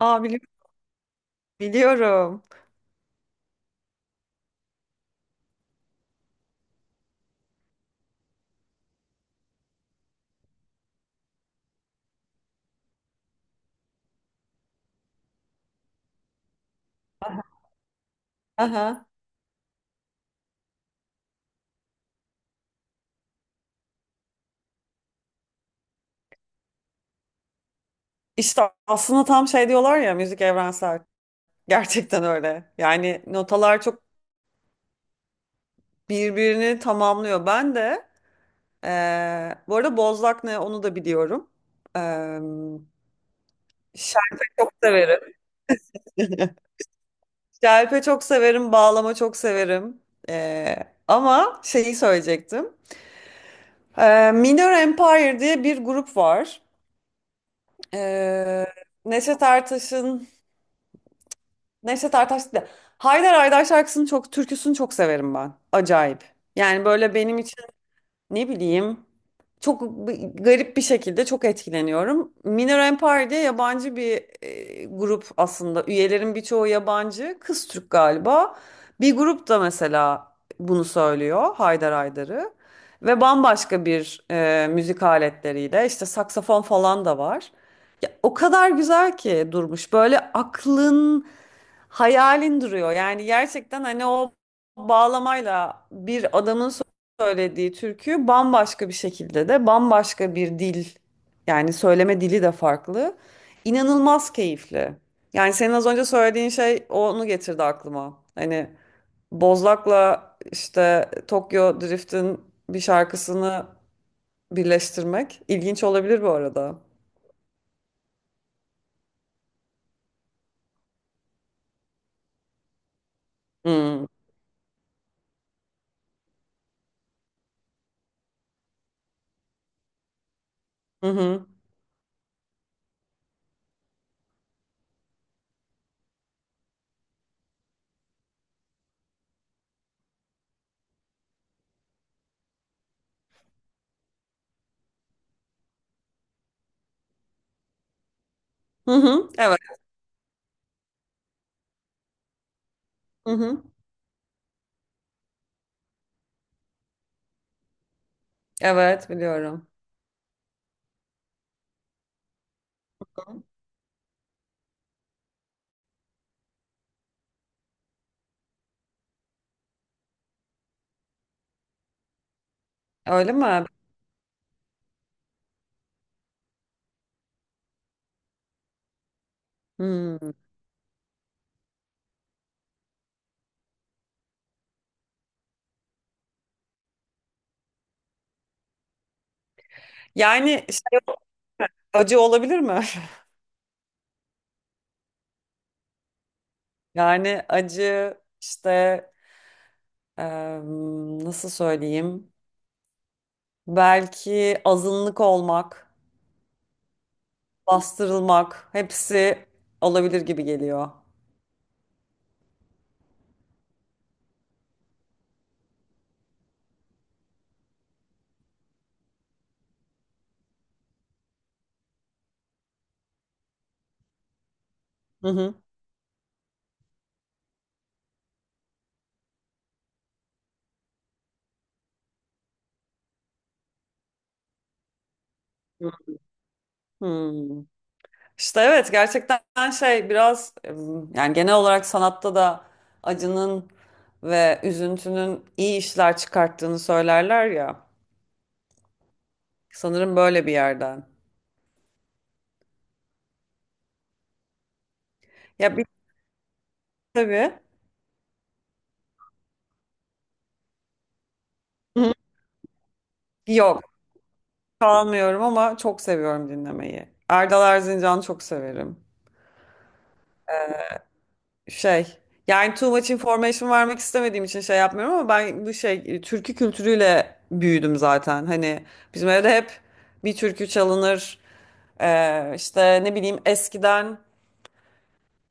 Aa biliyorum. Aha. İşte aslında tam şey diyorlar ya, müzik evrensel. Gerçekten öyle. Yani notalar çok birbirini tamamlıyor. Ben de bu arada Bozlak ne onu da biliyorum. Eee Şarkı çok severim. Şerpe çok severim, bağlama çok severim. Ee, Ama şeyi söyleyecektim. Minor Empire diye bir grup var. Ee, Neşet Ertaş'ın, Nevşet Ertaş da. Haydar Haydar şarkısını çok, türküsünü çok severim ben. Acayip. Yani böyle benim ne bileyim. Çok b- Garip bir şekilde çok etkileniyorum. Minor Empire diye yabancı bir grup aslında. Üyelerin birçoğu yabancı. Kız Türk galiba. Bir grup da mesela bunu söylüyor. Haydar Haydar'ı. Ve bambaşka bir müzik aletleriyle. İşte saksafon falan da var. Ya, o kadar güzel ki durmuş. Böyle aklın hayalin duruyor. Yani gerçekten hani o bağlamayla bir adamın söylediği türkü bambaşka bir şekilde de, bambaşka bir dil, yani söyleme dili de farklı. İnanılmaz keyifli. Yani senin az önce söylediğin şey onu getirdi aklıma. Hani Bozlak'la, işte Tokyo Drift'in bir şarkısını birleştirmek ilginç olabilir bu arada. Hmm. Hı hı. Hı hı. Evet. Hı hı. Evet, biliyorum. Öyle mi? Hmm. Yani şey, acı olabilir mi? Yani acı işte, em, nasıl söyleyeyim? Belki azınlık olmak, bastırılmak, hepsi olabilir gibi geliyor. Hı hı. Hmm. İşte evet, gerçekten şey biraz em, yani genel olarak sanatta da acının ve üzüntünün iyi işler çıkarttığını söylerler ya. Sanırım böyle bir yerden. Ya bir tabii. Hı. Yok, çalmıyorum ama çok seviyorum dinlemeyi. Erdal Erzincan'ı çok severim. Şey, yani too much information vermek istemediğim için şey yapmıyorum ama ben bu şey türkü kültürüyle büyüdüm zaten. Hani bizim evde hep bir türkü çalınır. İşte ne bileyim, eskiden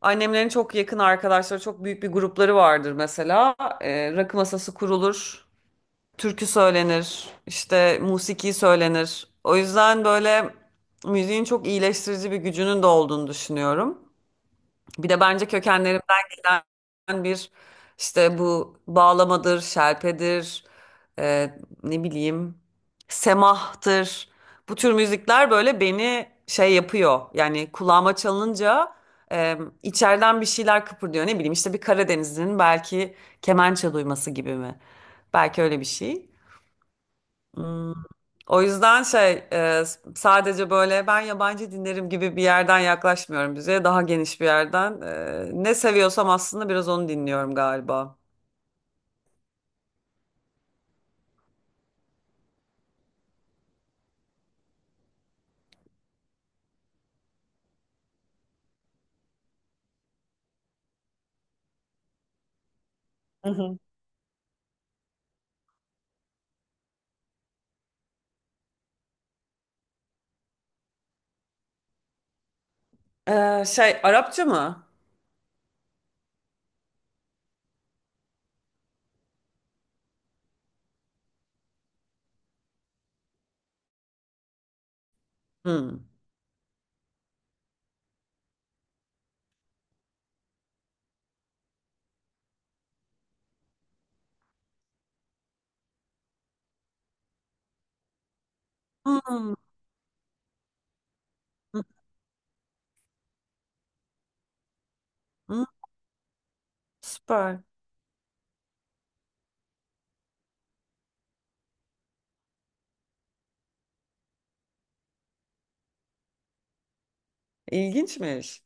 annemlerin çok yakın arkadaşları, çok büyük bir grupları vardır mesela. Rakı masası kurulur, türkü söylenir, işte musiki söylenir. O yüzden böyle müziğin çok iyileştirici bir gücünün de olduğunu düşünüyorum. Bir de bence kökenlerimden gelen bir, işte bu bağlamadır, şelpedir, e, ne bileyim, semahtır. Bu tür müzikler böyle beni şey yapıyor. Yani kulağıma çalınca e, içeriden bir şeyler kıpırdıyor. Ne bileyim işte, bir Karadenizli'nin belki kemençe duyması gibi mi? Belki öyle bir şey. Hmm. O yüzden şey sadece böyle ben yabancı dinlerim gibi bir yerden yaklaşmıyorum müziğe. Daha geniş bir yerden. Ne seviyorsam aslında biraz onu dinliyorum galiba. Hı hı. E, şey, Arapça mı? Hmm. Hmm. Hı hı. Süper. İlginçmiş.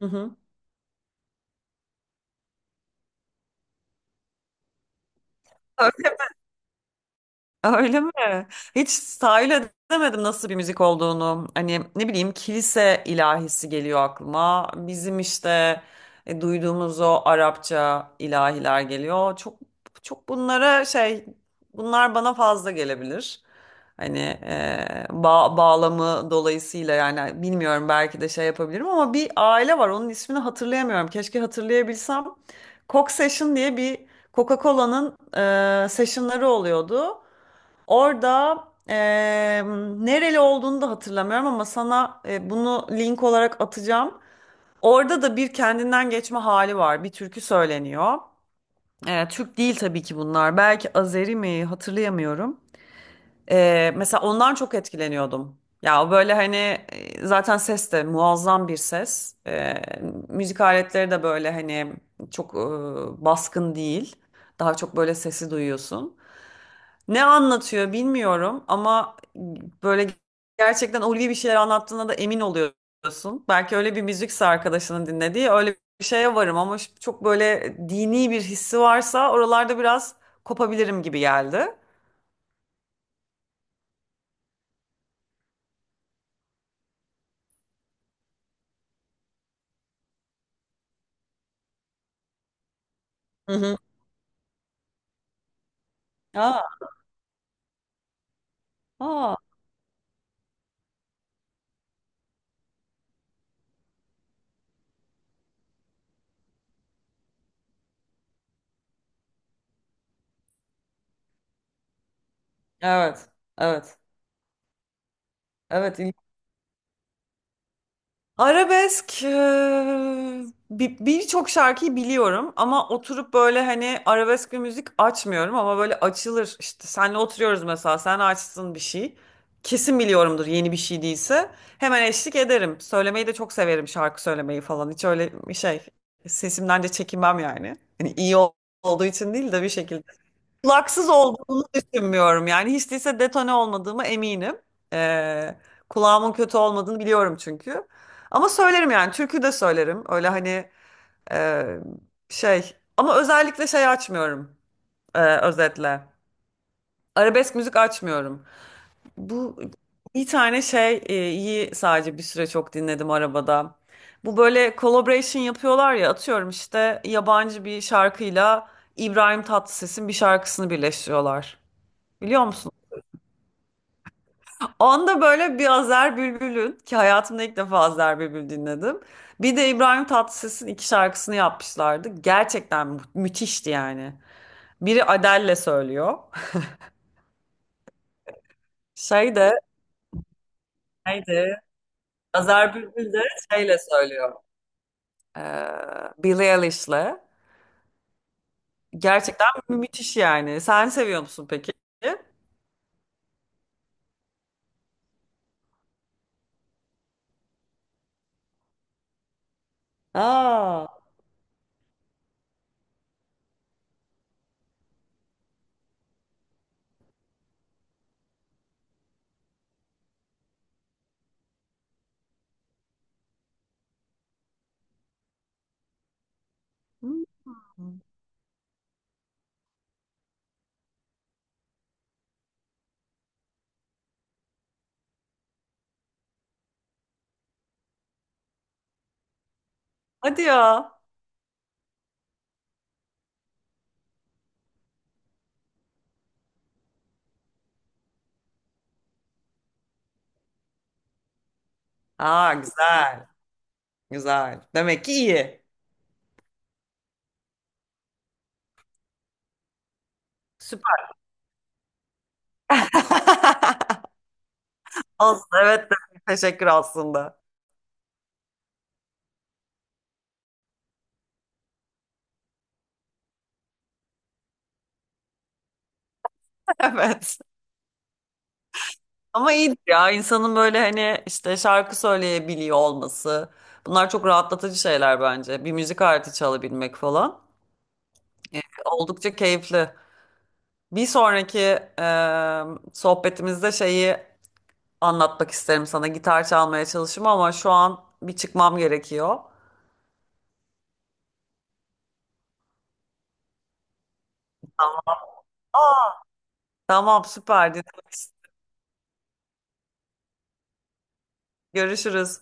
Hı hı. Öyle mi? Hiç tahayyül edemedim nasıl bir müzik olduğunu. Hani ne bileyim, kilise ilahisi geliyor aklıma. Bizim işte duyduğumuz o Arapça ilahiler geliyor. Çok bunlara şey, bunlar bana fazla gelebilir. Hani bağlamı dolayısıyla yani bilmiyorum, belki de şey yapabilirim ama bir aile var, onun ismini hatırlayamıyorum. Keşke hatırlayabilsem. Coke Session diye bir, Coca-Cola'nın sessionları oluyordu. Orada eee, nereli olduğunu da hatırlamıyorum ama sana bunu link olarak atacağım. Orada da bir kendinden geçme hali var. Bir türkü söyleniyor. Türk değil tabii ki bunlar. Belki Azeri mi, hatırlayamıyorum. Mesela ondan çok etkileniyordum. Ya o böyle hani zaten ses de muazzam bir ses. Müzik aletleri de böyle hani çok baskın değil. Daha çok böyle sesi duyuyorsun. Ne anlatıyor bilmiyorum ama böyle gerçekten ulvi bir şeyler anlattığına da emin oluyorsun. Belki öyle bir müzikse arkadaşının dinlediği, öyle bir şeye varım ama çok böyle dini bir hissi varsa oralarda biraz kopabilirim gibi geldi. Hı hı. Aa, aa, evet, evet, evet. Arabesk birçok şarkıyı biliyorum ama oturup böyle hani arabesk bir müzik açmıyorum ama böyle açılır işte, senle oturuyoruz mesela, sen açsın bir şey kesin biliyorumdur, yeni bir şey değilse hemen eşlik ederim, söylemeyi de çok severim, şarkı söylemeyi falan, hiç öyle bir şey sesimden de çekinmem, yani hani olduğu için değil de bir şekilde. Laksız olduğunu düşünmüyorum. Yani hiç değilse detone olmadığımı eminim. Ee, Kulağımın kötü olmadığını biliyorum çünkü. Ama söylerim, yani türkü de söylerim. Öyle hani e, şey, ama özellikle şey açmıyorum, özetle. Arabesk müzik açmıyorum. Bu bir tane şey iyi, sadece bir süre çok dinledim arabada. Bu böyle collaboration yapıyorlar ya, atıyorum işte yabancı bir şarkıyla İbrahim Tatlıses'in bir şarkısını birleştiriyorlar. Biliyor musun? Onda böyle bir Azer Bülbül'ün ki, hayatımda ilk defa Azer Bülbül dinledim. Bir de İbrahim Tatlıses'in iki şarkısını yapmışlardı. Gerçekten müthişti yani. Biri Adele'le söylüyor. Şey de, neydi? Azer Bülbül de şeyle söylüyor. Billie Eilish'le. Gerçekten müthiş yani. Sen seviyor musun peki? Aa. Hmm. Hadi ya. Aa, güzel. Güzel. Demek ki iyi. Süper. Aslında evet de teşekkür aslında. Evet. Ama iyidir ya insanın böyle hani işte şarkı söyleyebiliyor olması. Bunlar çok rahatlatıcı şeyler bence. Bir müzik aleti çalabilmek falan. Oldukça keyifli. Bir sonraki sohbetimizde şeyi anlatmak isterim sana. Gitar çalmaya çalışım, ama şu an bir çıkmam gerekiyor. Aa, tamam, süper. Dinlemek istedim. Görüşürüz.